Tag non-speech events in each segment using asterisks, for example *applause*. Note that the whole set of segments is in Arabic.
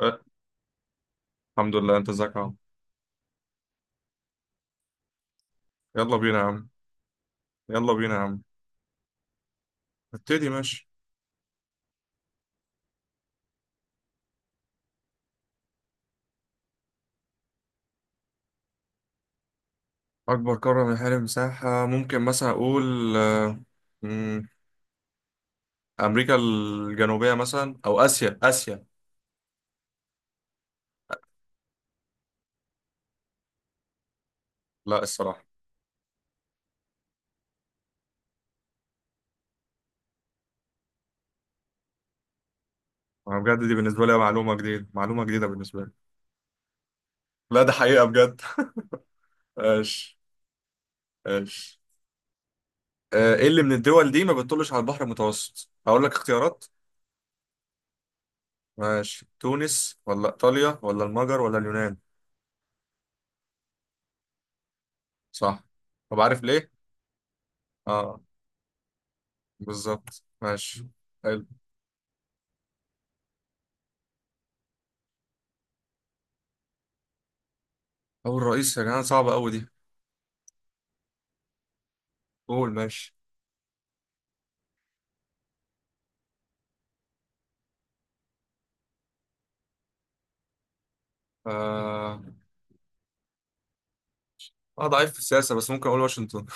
أه، الحمد لله. انت ازيك يا عم؟ يلا بينا يا عم. يلا بينا يا عم. نبتدي. ماشي. اكبر قارة من حيث المساحة، ممكن مثلا اقول مم، امريكا الجنوبية مثلا، او اسيا. اسيا. لا، الصراحة. انا بجد دي بالنسبة لي معلومة جديدة، معلومة جديدة بالنسبة لي. لا ده حقيقة بجد. *laughs* ايش؟ ايش؟ ايه اللي من الدول دي ما بتطلش على البحر المتوسط؟ اقول لك اختيارات. ماشي، تونس ولا ايطاليا ولا المجر ولا اليونان؟ صح. طب عارف ليه؟ اه. بالظبط، ماشي. حلو. أول رئيس، يا جماعة صعبة أوي دي. قول، ماشي. آه. أنا ضعيف في السياسة بس ممكن أقول واشنطن.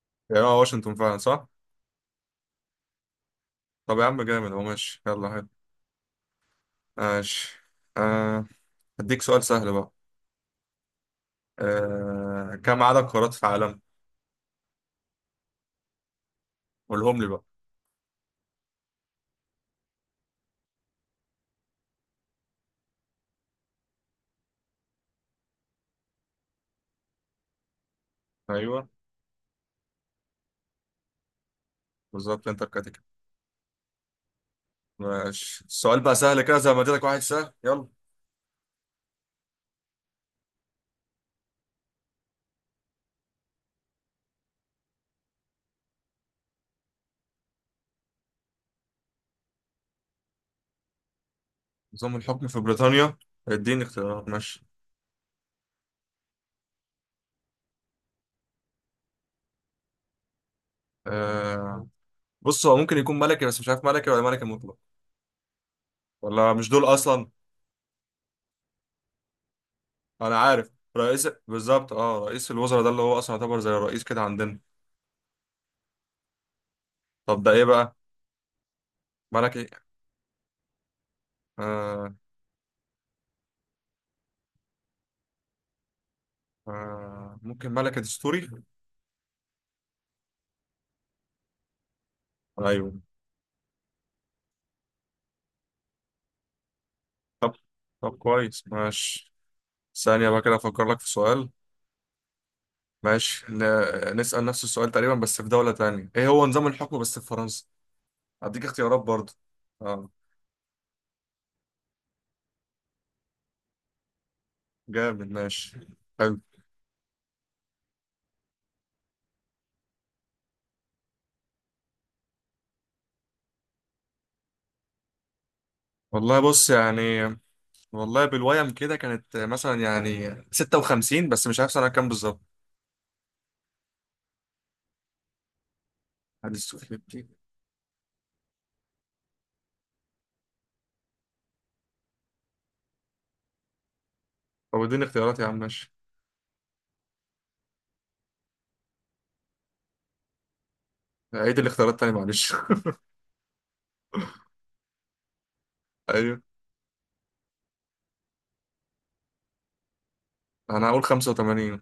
*laughs* يعني هو واشنطن فعلا صح؟ طب يا عم جامد هو. ماشي يلا حلو. ماشي. آه أديك سؤال سهل بقى. كم عدد قارات في العالم؟ قولهم لي بقى. أيوه، بالظبط. أنت الكاتيجوري. ماشي، السؤال بقى سهل كده، زي ما اديتك واحد سهل، يلا. نظام الحكم في بريطانيا. اديني اختيارات ماشي. آه بص هو ممكن يكون ملكي، بس مش عارف ملكي ولا ملكي مطلق، ولا مش دول اصلا. انا عارف. رئيس، بالظبط، اه، رئيس الوزراء ده اللي هو اصلا يعتبر زي الرئيس كده عندنا. طب ده ايه بقى؟ ملك ايه؟ آه ممكن ملك دستوري. ايوه. طب، طب كويس، ماشي. ثانية بقى كده افكر لك في سؤال. ماشي. نسأل نفس السؤال تقريبا بس في دولة تانية، ايه هو نظام الحكم بس في فرنسا؟ هديك اختيارات برضه. اه، جامد. ماشي. حلو. والله بص يعني، والله بالويم كده كانت مثلا يعني 56، بس مش عارف سنة كام بالظبط. هدي السؤال. طب اديني اختيارات يا عم ماشي. عيد الاختيارات تاني معلش. *laughs* ايوه، انا هقول 85.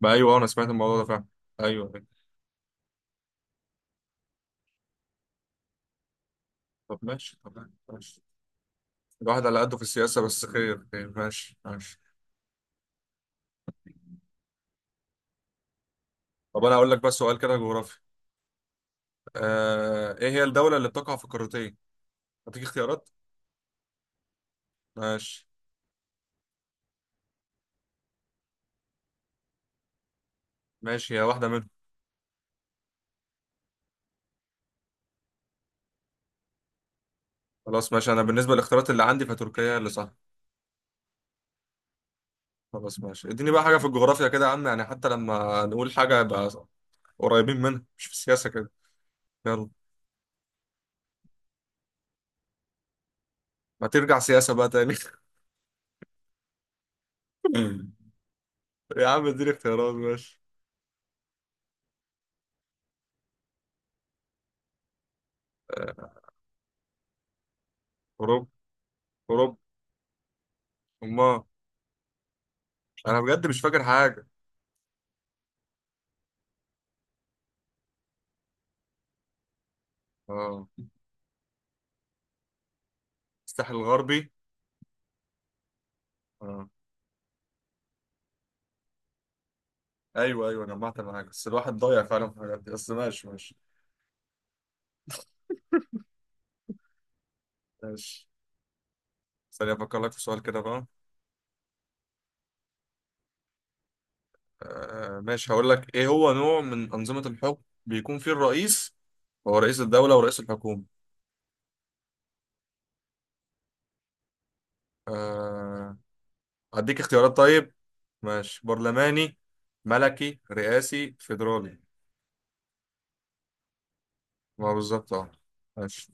ما ايوه، انا سمعت الموضوع ده فعلا. ايوه، أيوة. طب ماشي. طب ماشي. الواحد على قده في السياسة بس، خير خير، ماشي ماشي. طب انا هقول لك بس سؤال كده جغرافي. ايه هي الدولة اللي بتقع في قارتين؟ هديك اختيارات. ماشي. ماشي، هي واحدة منهم. خلاص ماشي، انا بالنسبة للاختيارات اللي عندي فتركيا هي اللي صح. خلاص ماشي، اديني بقى حاجة في الجغرافيا كده يا عم، يعني حتى لما نقول حاجة يبقى قريبين منها، مش في السياسة كده. يلا. ما ترجع سياسة بقى تاني. *laughs* يا عم اديني اختيارات ماشي. اوروبا. اوروبا. امال؟ انا بجد مش فاكر حاجه. اه، الساحل الغربي. اه. ايوه ايوه، جمعت معاك بس الواحد ضايع فعلا في الحاجات دي، بس ماشي ماشي. ماشي. ثانية أفكر لك في سؤال كده بقى. ماشي، هقول لك إيه هو نوع من أنظمة الحكم بيكون فيه الرئيس هو رئيس الدولة ورئيس الحكومة. آه. أديك اختيارات طيب. ماشي، برلماني، ملكي، رئاسي، فيدرالي. ما هو بالظبط أه. ماشي.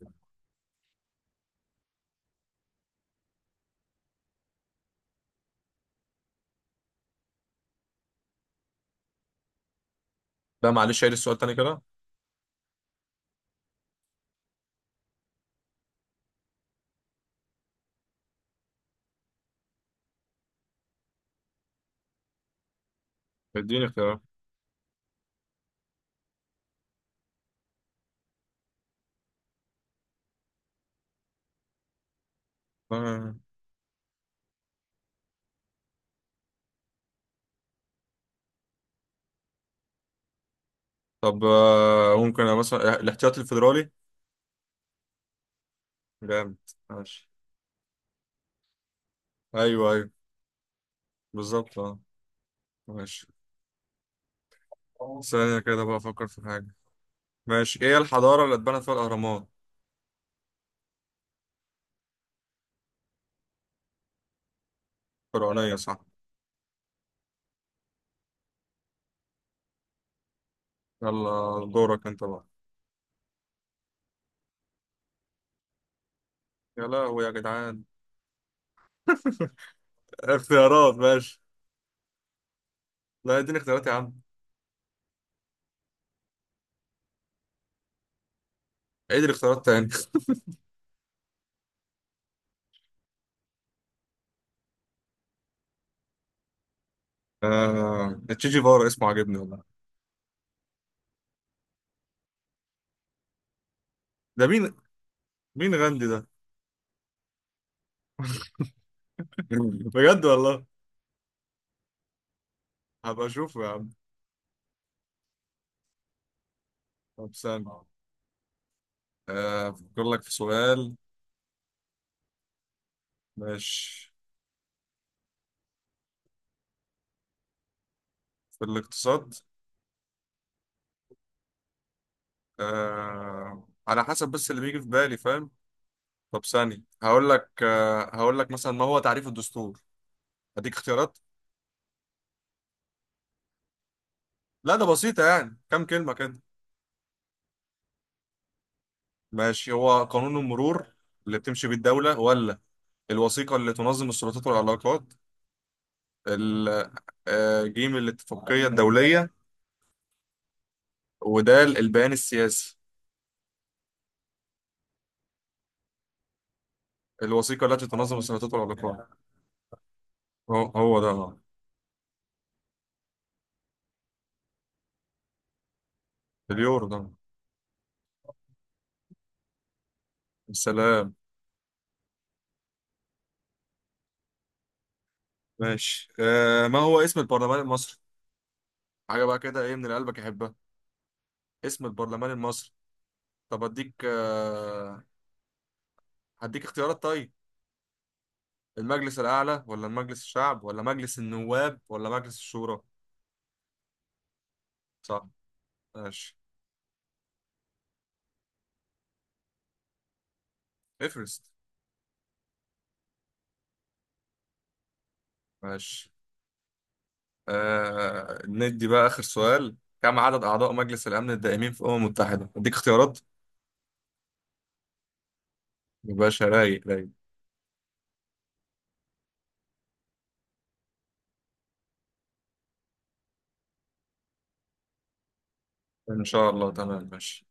لا معلش، عيد السؤال تاني كده. اديني اختيارات. آه. طب ممكن أنا مثلا الاحتياطي الفيدرالي. جامد. ماشي. ايوه ايوه، بالظبط اه. ماشي. ثانية كده بقى افكر في حاجة. ماشي. ايه الحضارة اللي اتبنت فيها الاهرامات؟ فرعونية صح. يلا دورك انت بقى. يا لهوي يا جدعان. اختيارات ماشي. لا اديني اختيارات يا عم. عيد الاختيارات تاني. *laughs* آه، تشي جيفارا اسمه عاجبني والله. ده مين؟ مين غاندي ده؟ *laughs* بجد والله. هبقى اشوفه يا عم. طب استنى، أفكر لك في سؤال. ماشي. في الاقتصاد، على حسب بس اللي بيجي في بالي فاهم. طب ثانية هقول لك، هقول لك مثلا، ما هو تعريف الدستور؟ هديك اختيارات. لا ده بسيطة، يعني كام كلمة كده. ماشي، هو قانون المرور اللي بتمشي بيه الدولة، ولا الوثيقة اللي تنظم السلطات والعلاقات، ال- جيم الاتفاقية الدولية، ودال البيان السياسي. الوثيقة التي تنظم السلطات والعلاقات. هو هو ده. اليورو ده. السلام. ماشي. ما هو اسم البرلمان المصري؟ حاجة بقى كده ايه من اللي قلبك يحبها. اسم البرلمان المصري. طب اديك هديك اختيارات طيب: المجلس الأعلى، ولا المجلس الشعب، ولا مجلس النواب، ولا مجلس الشورى؟ صح. ماشي. افرست. ماشي. ندي بقى آخر سؤال. كم عدد أعضاء مجلس الأمن الدائمين في الأمم المتحدة؟ اديك اختيارات. يبقى رايق رايق. إن شاء الله تمام ماشي.